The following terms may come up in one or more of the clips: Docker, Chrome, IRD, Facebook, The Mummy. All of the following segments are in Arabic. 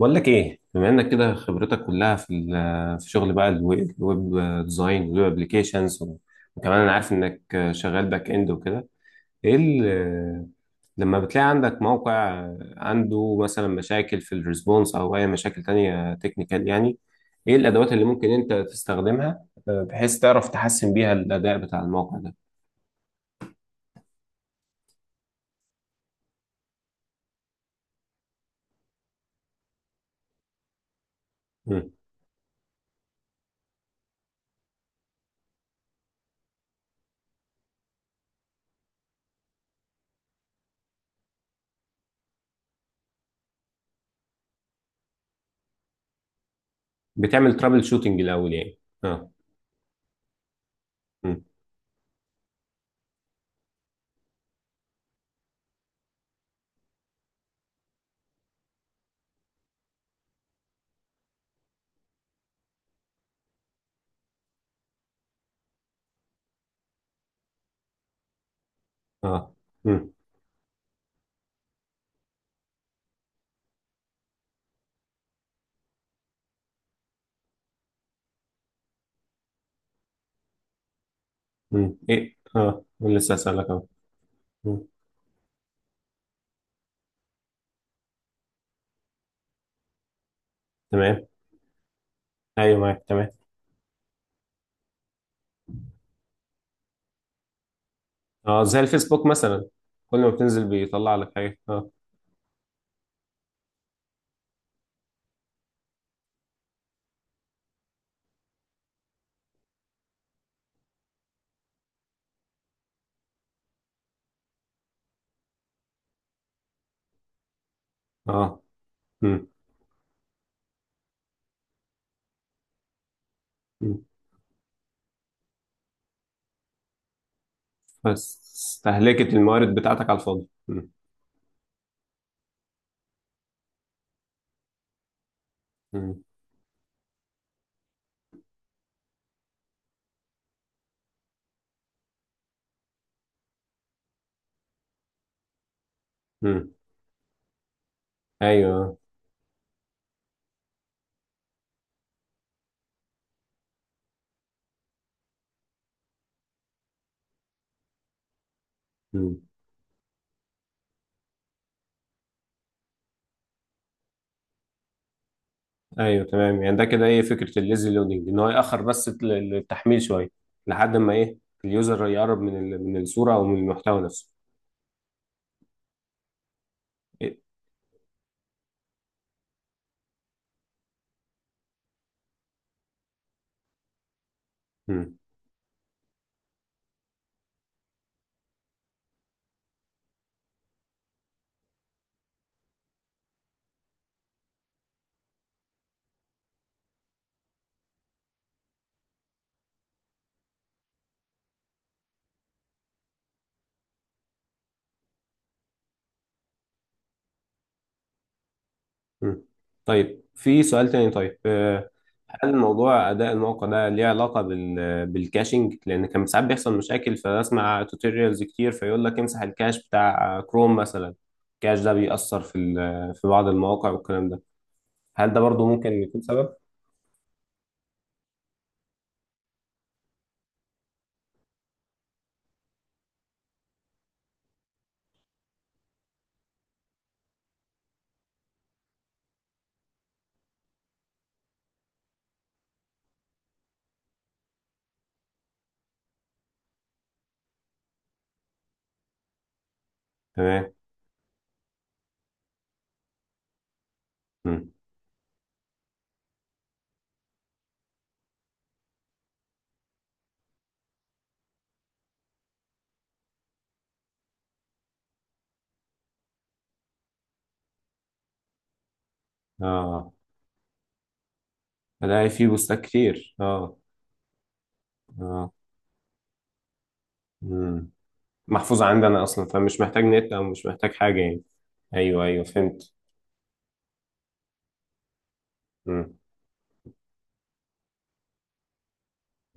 بقول لك ايه، بما انك كده خبرتك كلها في في شغل، بقى الويب ديزاين والويب ابلكيشنز وكمان انا عارف انك شغال باك اند وكده. ايه لما بتلاقي عندك موقع عنده مثلا مشاكل في الريسبونس او اي مشاكل تانية تكنيكال يعني، ايه الادوات اللي ممكن انت تستخدمها، بحيث تعرف تحسن بيها الاداء بتاع الموقع ده؟ مم. بتعمل ترابل شوتنج الاول يعني، اه؟ مم. اه. مم. مم. ايه، اه، لسه اسالك اهو. مم. تمام. ايوه معاك تمام. اه، زي الفيسبوك مثلا، كل ما بتنزل بيطلع لك حاجه، اه. اه. امم. أمم. بس استهلكت الموارد بتاعتك على الفاضي، امم. أمم. أمم. ايوه. امم. ايوه تمام، يعني ده كده ايه فكره الليزي لودنج، ان هو ياخر بس التحميل شويه لحد ما ايه اليوزر يقرب من من الصوره او من المحتوى نفسه. إيه؟ أمم. أمم. طيب، في سؤال تاني. طيب، آه، هل موضوع اداء الموقع ده ليه علاقه بال بالكاشنج؟ لان كان ساعات بيحصل مشاكل، فاسمع توتوريالز كتير فيقول لك امسح الكاش بتاع كروم مثلا. الكاش ده بيأثر في في بعض المواقع والكلام ده، هل ده برضو ممكن يكون سبب؟ تمام. مم. اه. الاقي فيه بوستات كتير، اه. اه. مم. محفوظه عندنا اصلا، فمش محتاج نت او مش محتاج حاجه يعني. ايوه ايوه، فهمت. مم.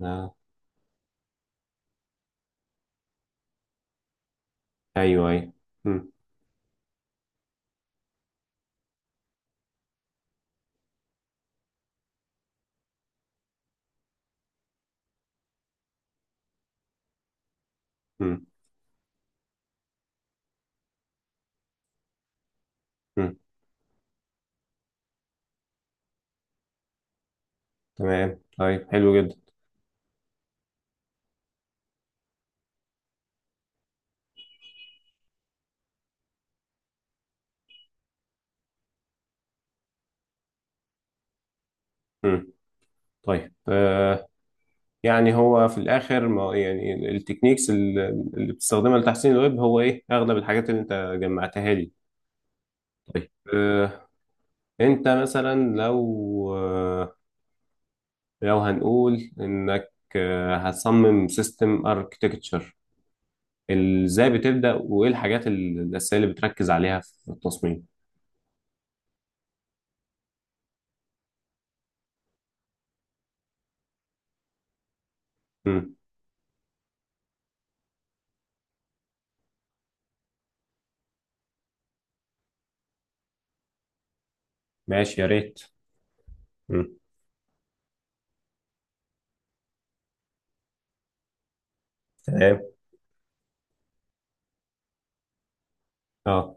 اه. ايوه ايوه. مم. مم. مم. تمام، طيب حلو جدا. مم. طيب آه، يعني هو في الاخر ما يعني التكنيكس اللي بتستخدمها لتحسين الويب، هو ايه اغلب الحاجات اللي انت جمعتها لي؟ طيب آه، انت مثلا لو آه، لو هنقول انك آه هتصمم سيستم اركتكتشر، ازاي بتبدأ وايه الحاجات الاساسيه اللي بتركز عليها في التصميم؟ مم. ماشي، يا ريت. مم. تمام. اه.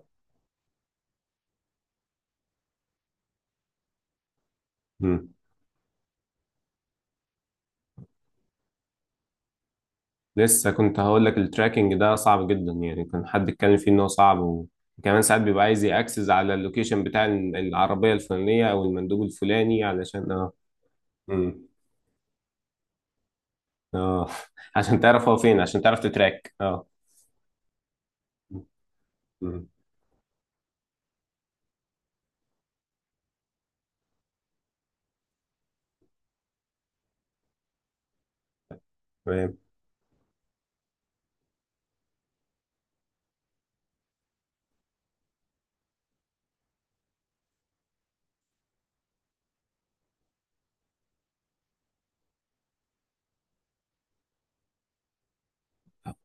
مم. لسه كنت هقول لك، التراكنج ده صعب جدا يعني، كان حد اتكلم فيه ان هو صعب وكمان ساعات بيبقى عايز ياكسس على اللوكيشن بتاع العربيه الفلانيه او المندوب الفلاني علشان اه. امم. اه. عشان تعرف هو فين، عشان تعرف تتراك، اه. امم. تمام.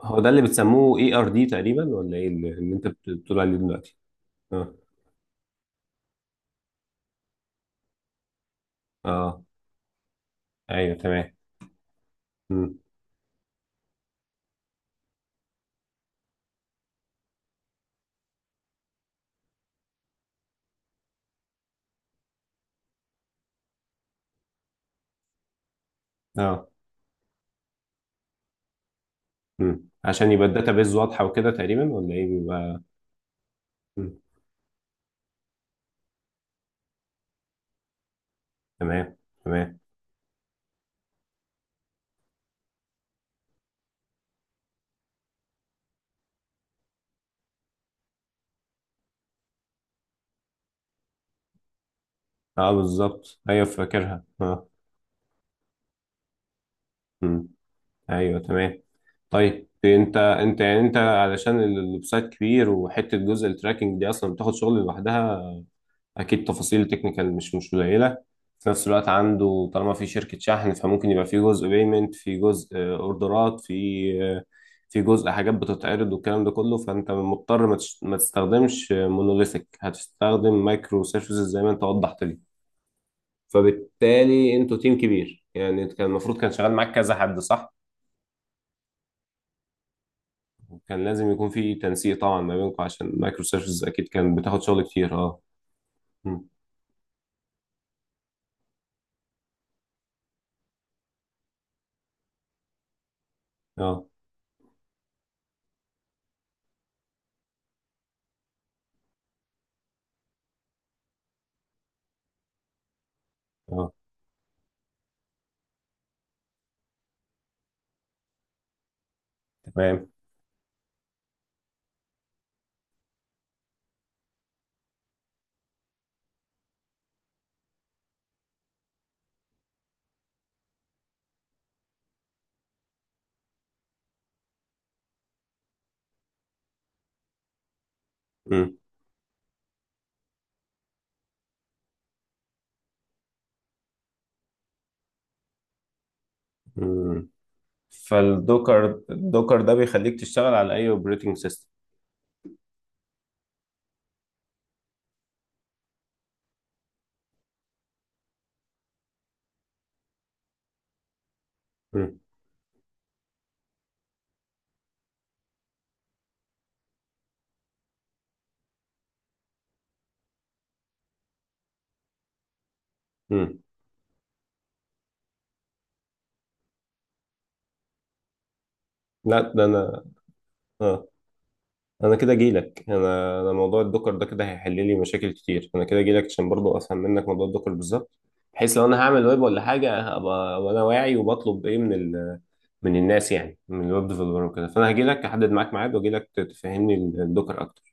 هو ده اللي بتسموه ERD تقريبا، ولا ايه اللي انت بتقول عليه دلوقتي؟ اه. اه. ايوه تمام. امم. اه. امم، عشان يبقى الداتابيز واضحه وكده تقريبا، ولا ايه بيبقى؟ مم. تمام. تمام. اه بالظبط، ايوه فاكرها، اه. مم. ايوه تمام. طيب انت يعني، انت علشان الويب سايت كبير، وحته جزء التراكنج دي اصلا بتاخد شغل لوحدها، اكيد تفاصيل تكنيكال مش قليله. في نفس الوقت عنده، طالما في شركه شحن، فممكن يبقى في جزء بيمنت، في جزء آه، اوردرات، في آه، في جزء حاجات بتتعرض والكلام ده كله، فانت مضطر ما تستخدمش مونوليثيك، هتستخدم مايكرو سيرفيسز زي ما انت وضحت لي. فبالتالي انتوا تيم كبير يعني، كان المفروض كان شغال معاك كذا حد، صح؟ كان لازم يكون في تنسيق طبعا ما بينكم، عشان مايكرو سيرفيسز اكيد كان بتاخد شغل كتير، اه. مم. اه. اه. تمام. مم. مم. فالدوكر ده بيخليك تشتغل على اي اوبريتنج سيستم؟ لا ده انا، آه. انا كده جايلك، انا موضوع الدكر ده كده هيحل لي مشاكل كتير. انا كده جايلك عشان برضو افهم منك موضوع الدكر بالظبط، بحيث لو انا هعمل ويب ولا حاجه ابقى وانا واعي، وبطلب ايه من ال... من الناس يعني، من الويب ديفلوبر وكده. فانا هجيلك احدد معاك ميعاد واجيلك تفهمني الدكر اكتر.